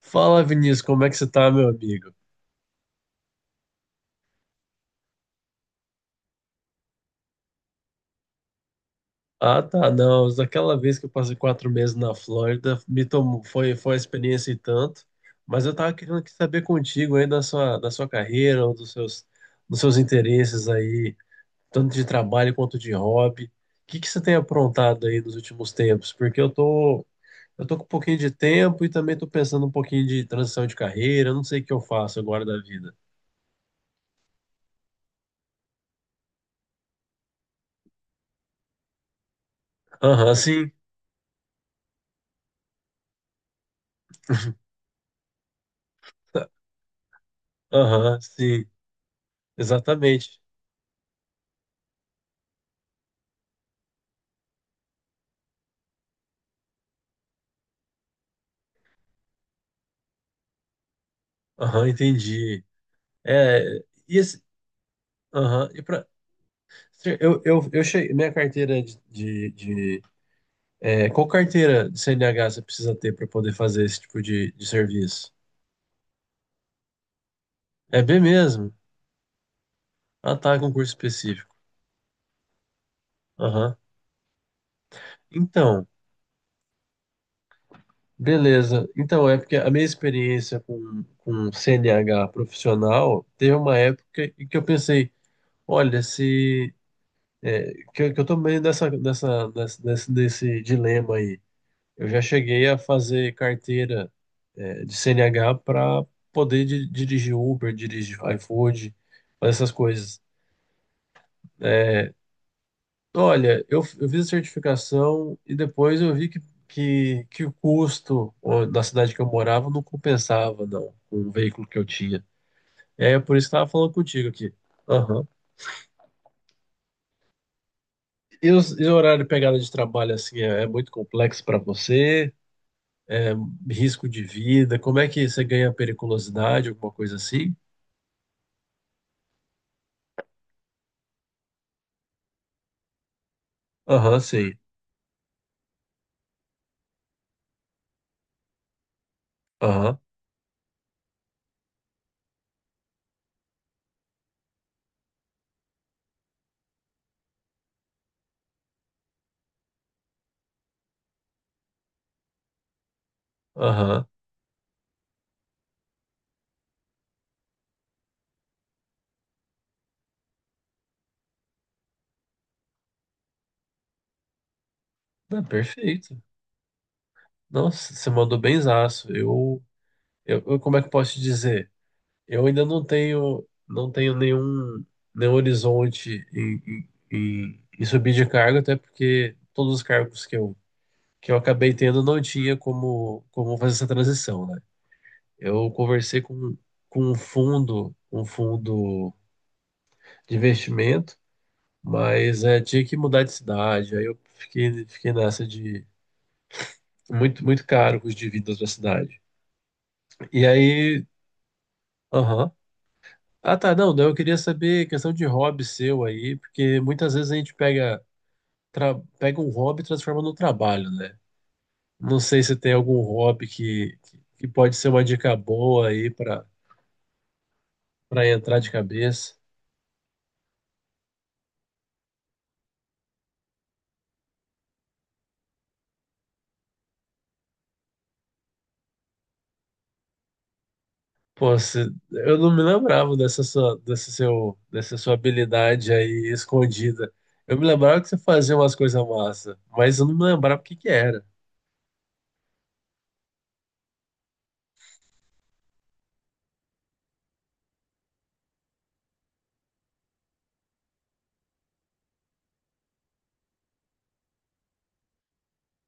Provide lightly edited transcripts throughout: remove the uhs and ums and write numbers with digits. Fala, Vinícius, como é que você tá, meu amigo? Ah, tá, não. Daquela vez que eu passei quatro meses na Flórida, me tomou, foi uma experiência e tanto, mas eu tava querendo aqui saber contigo aí da sua carreira, ou dos seus interesses aí, tanto de trabalho quanto de hobby. O que que você tem aprontado aí nos últimos tempos? Porque eu tô com um pouquinho de tempo e também tô pensando um pouquinho de transição de carreira, eu não sei o que eu faço agora da vida. Aham, sim. Aham, sim, exatamente. Aham, entendi. É, e esse, aham, eu cheguei, minha carteira de- é, qual carteira de CNH você precisa ter para poder fazer esse tipo de serviço? É B mesmo? Ah, tá, concurso específico. Aham. Então, beleza. Então, é porque a minha experiência com CNH profissional teve uma época em que eu pensei, olha, se, que eu tô meio nesse dilema aí. Eu já cheguei a fazer carteira, de CNH para poder dirigir Uber, dirigir iFood, fazer essas coisas. É, olha, eu fiz a certificação e depois eu vi que o custo, ó, da cidade que eu morava não compensava, não, com o veículo que eu tinha. É por isso que eu estava falando contigo aqui. Aham. E, e o horário de pegada de trabalho, assim, é muito complexo para você? Risco de vida? Como é que você ganha periculosidade, alguma coisa assim? Aham, sei. Aham, aham. Não, perfeito. Nossa, você mandou benzaço. Como é que eu posso te dizer? Eu ainda não tenho nenhum horizonte em subir de cargo, até porque todos os cargos que eu acabei tendo não tinha como fazer essa transição, né? Eu conversei com um fundo de investimento, mas tinha que mudar de cidade. Aí eu fiquei nessa. Muito, muito caro os dividendos da cidade. E aí. Aham. Ah, tá. Não, daí eu queria saber questão de hobby seu aí, porque muitas vezes a gente pega um hobby e transforma num trabalho, né? Não sei se tem algum hobby que pode ser uma dica boa aí para para entrar de cabeça. Pô, se eu não me lembrava dessa sua habilidade aí escondida. Eu me lembrava que você fazia umas coisas massa, mas eu não me lembrava o que que era.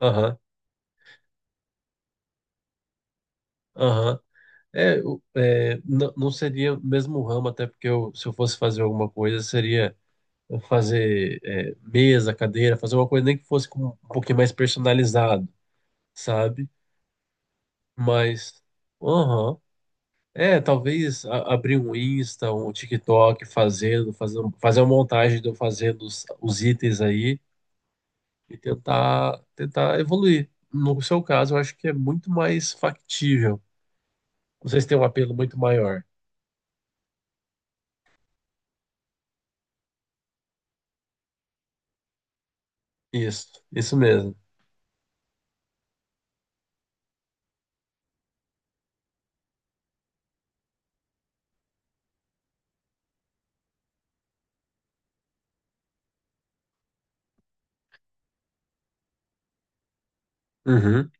Aham, aham. Não seria o mesmo ramo, até porque eu, se eu fosse fazer alguma coisa, seria fazer, mesa, cadeira, fazer uma coisa nem que fosse com um pouquinho mais personalizado, sabe? Mas, aham. É, talvez abrir um Insta, um TikTok fazendo, fazer uma montagem de eu fazendo os itens aí e tentar evoluir. No seu caso, eu acho que é muito mais factível. Vocês têm um apelo muito maior. Isso mesmo. Uhum.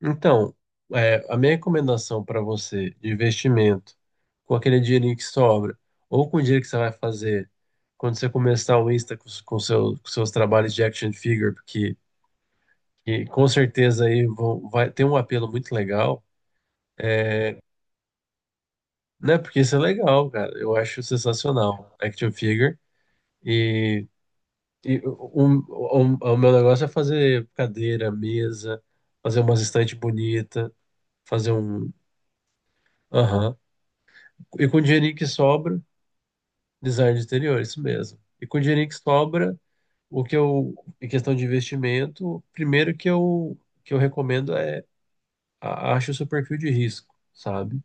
Então, a minha recomendação para você de investimento, com aquele dinheirinho que sobra, ou com o dinheiro que você vai fazer quando você começar o Insta com seus trabalhos de action figure, porque que com certeza aí vai ter um apelo muito legal, né? Porque isso é legal, cara. Eu acho sensacional, action figure. E, e o meu negócio é fazer cadeira, mesa, fazer umas estantes bonitas, fazer um. Aham. E com o dinheirinho que sobra. Design de interior, isso mesmo. E com o dinheiro que sobra, o que eu, em questão de investimento, primeiro que eu recomendo é acho o seu perfil de risco, sabe?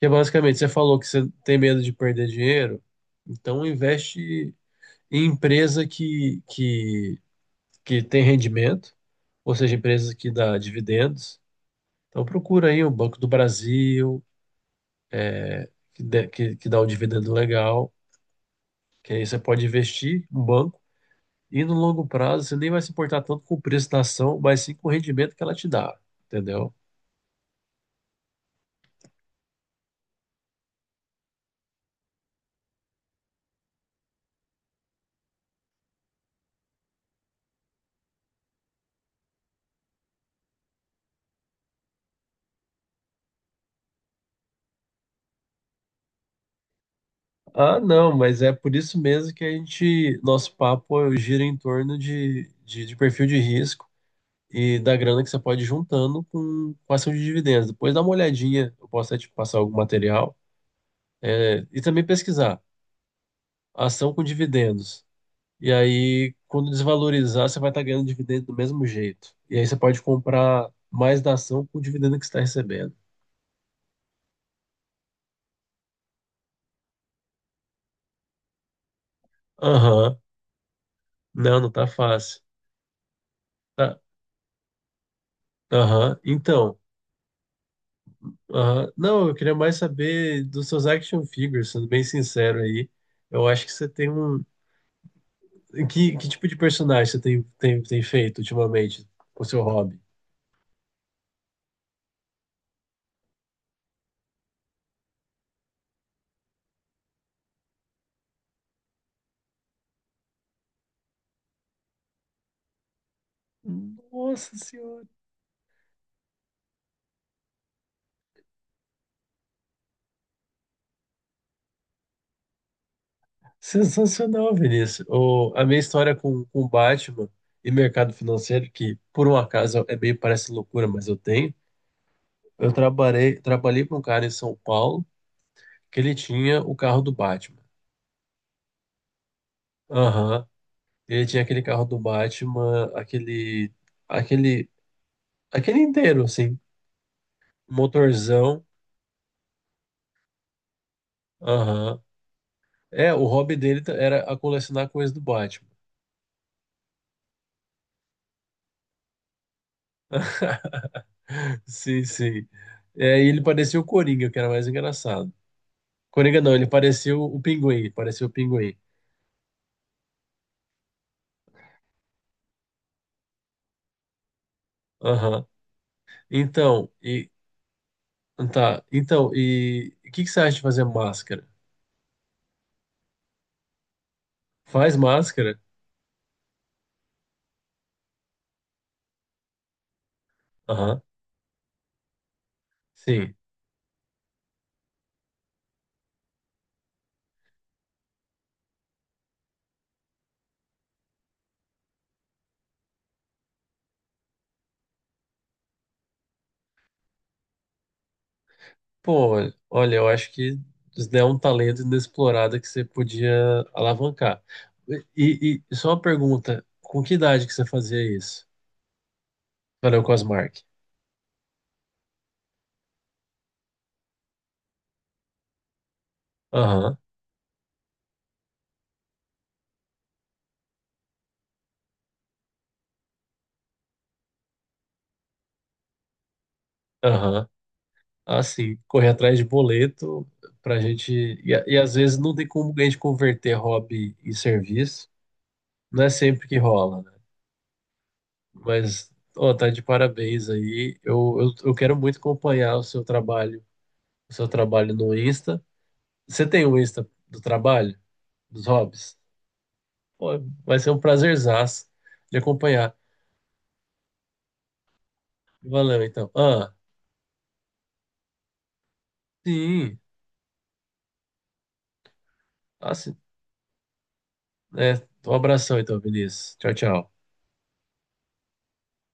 Que é basicamente, você falou que você tem medo de perder dinheiro, então investe em empresa que tem rendimento, ou seja, empresas que dá dividendos. Então procura aí o Banco do Brasil, que dá um dividendo legal, que aí você pode investir no banco. E no longo prazo, você nem vai se importar tanto com o preço da ação, mas sim com o rendimento que ela te dá, entendeu? Ah, não, mas é por isso mesmo que nosso papo gira em torno de perfil de risco e da grana que você pode ir juntando com ação de dividendos. Depois dá uma olhadinha, eu posso até te passar algum material, né? E também pesquisar ação com dividendos. E aí, quando desvalorizar, você vai estar ganhando dividendo do mesmo jeito. E aí você pode comprar mais da ação com o dividendo que você está recebendo. Aham. Não, não tá fácil. Tá. Aham, então, aham. Não, eu queria mais saber dos seus action figures, sendo bem sincero aí. Eu acho que você tem um. Que tipo de personagem você tem feito ultimamente com o seu hobby? Nossa senhora! Sensacional, Vinícius. A minha história com Batman e mercado financeiro, que por um acaso é meio parece loucura, mas eu tenho. Eu trabalhei para um cara em São Paulo que ele tinha o carro do Batman. Aham. Ele tinha aquele carro do Batman, aquele, aquele inteiro, assim, motorzão. Aham. É, o hobby dele era a colecionar coisas do Batman. Sim, sim. É, e ele parecia o Coringa, que era mais engraçado. Coringa não, ele parecia o Pinguim, ele parecia o Pinguim. Aham. Então, e tá, então, e o que que você acha de fazer máscara? Faz máscara? Aham. Sim. Pô, olha, eu acho que isso daí é um talento inexplorado que você podia alavancar. E só uma pergunta, com que idade que você fazia isso? Valeu, Cosmark. Aham, aham. Ah, sim, correr atrás de boleto pra gente... E às vezes não tem como a gente converter hobby em serviço. Não é sempre que rola, né? Mas, ó, tá de parabéns aí. Eu quero muito acompanhar o seu trabalho no Insta. Você tem o Insta do trabalho, dos hobbies? Pô, vai ser um prazerzaço de acompanhar. Valeu, então. Ah, sim. Ah, sim. É, um abração, então, Vinícius. Tchau, tchau.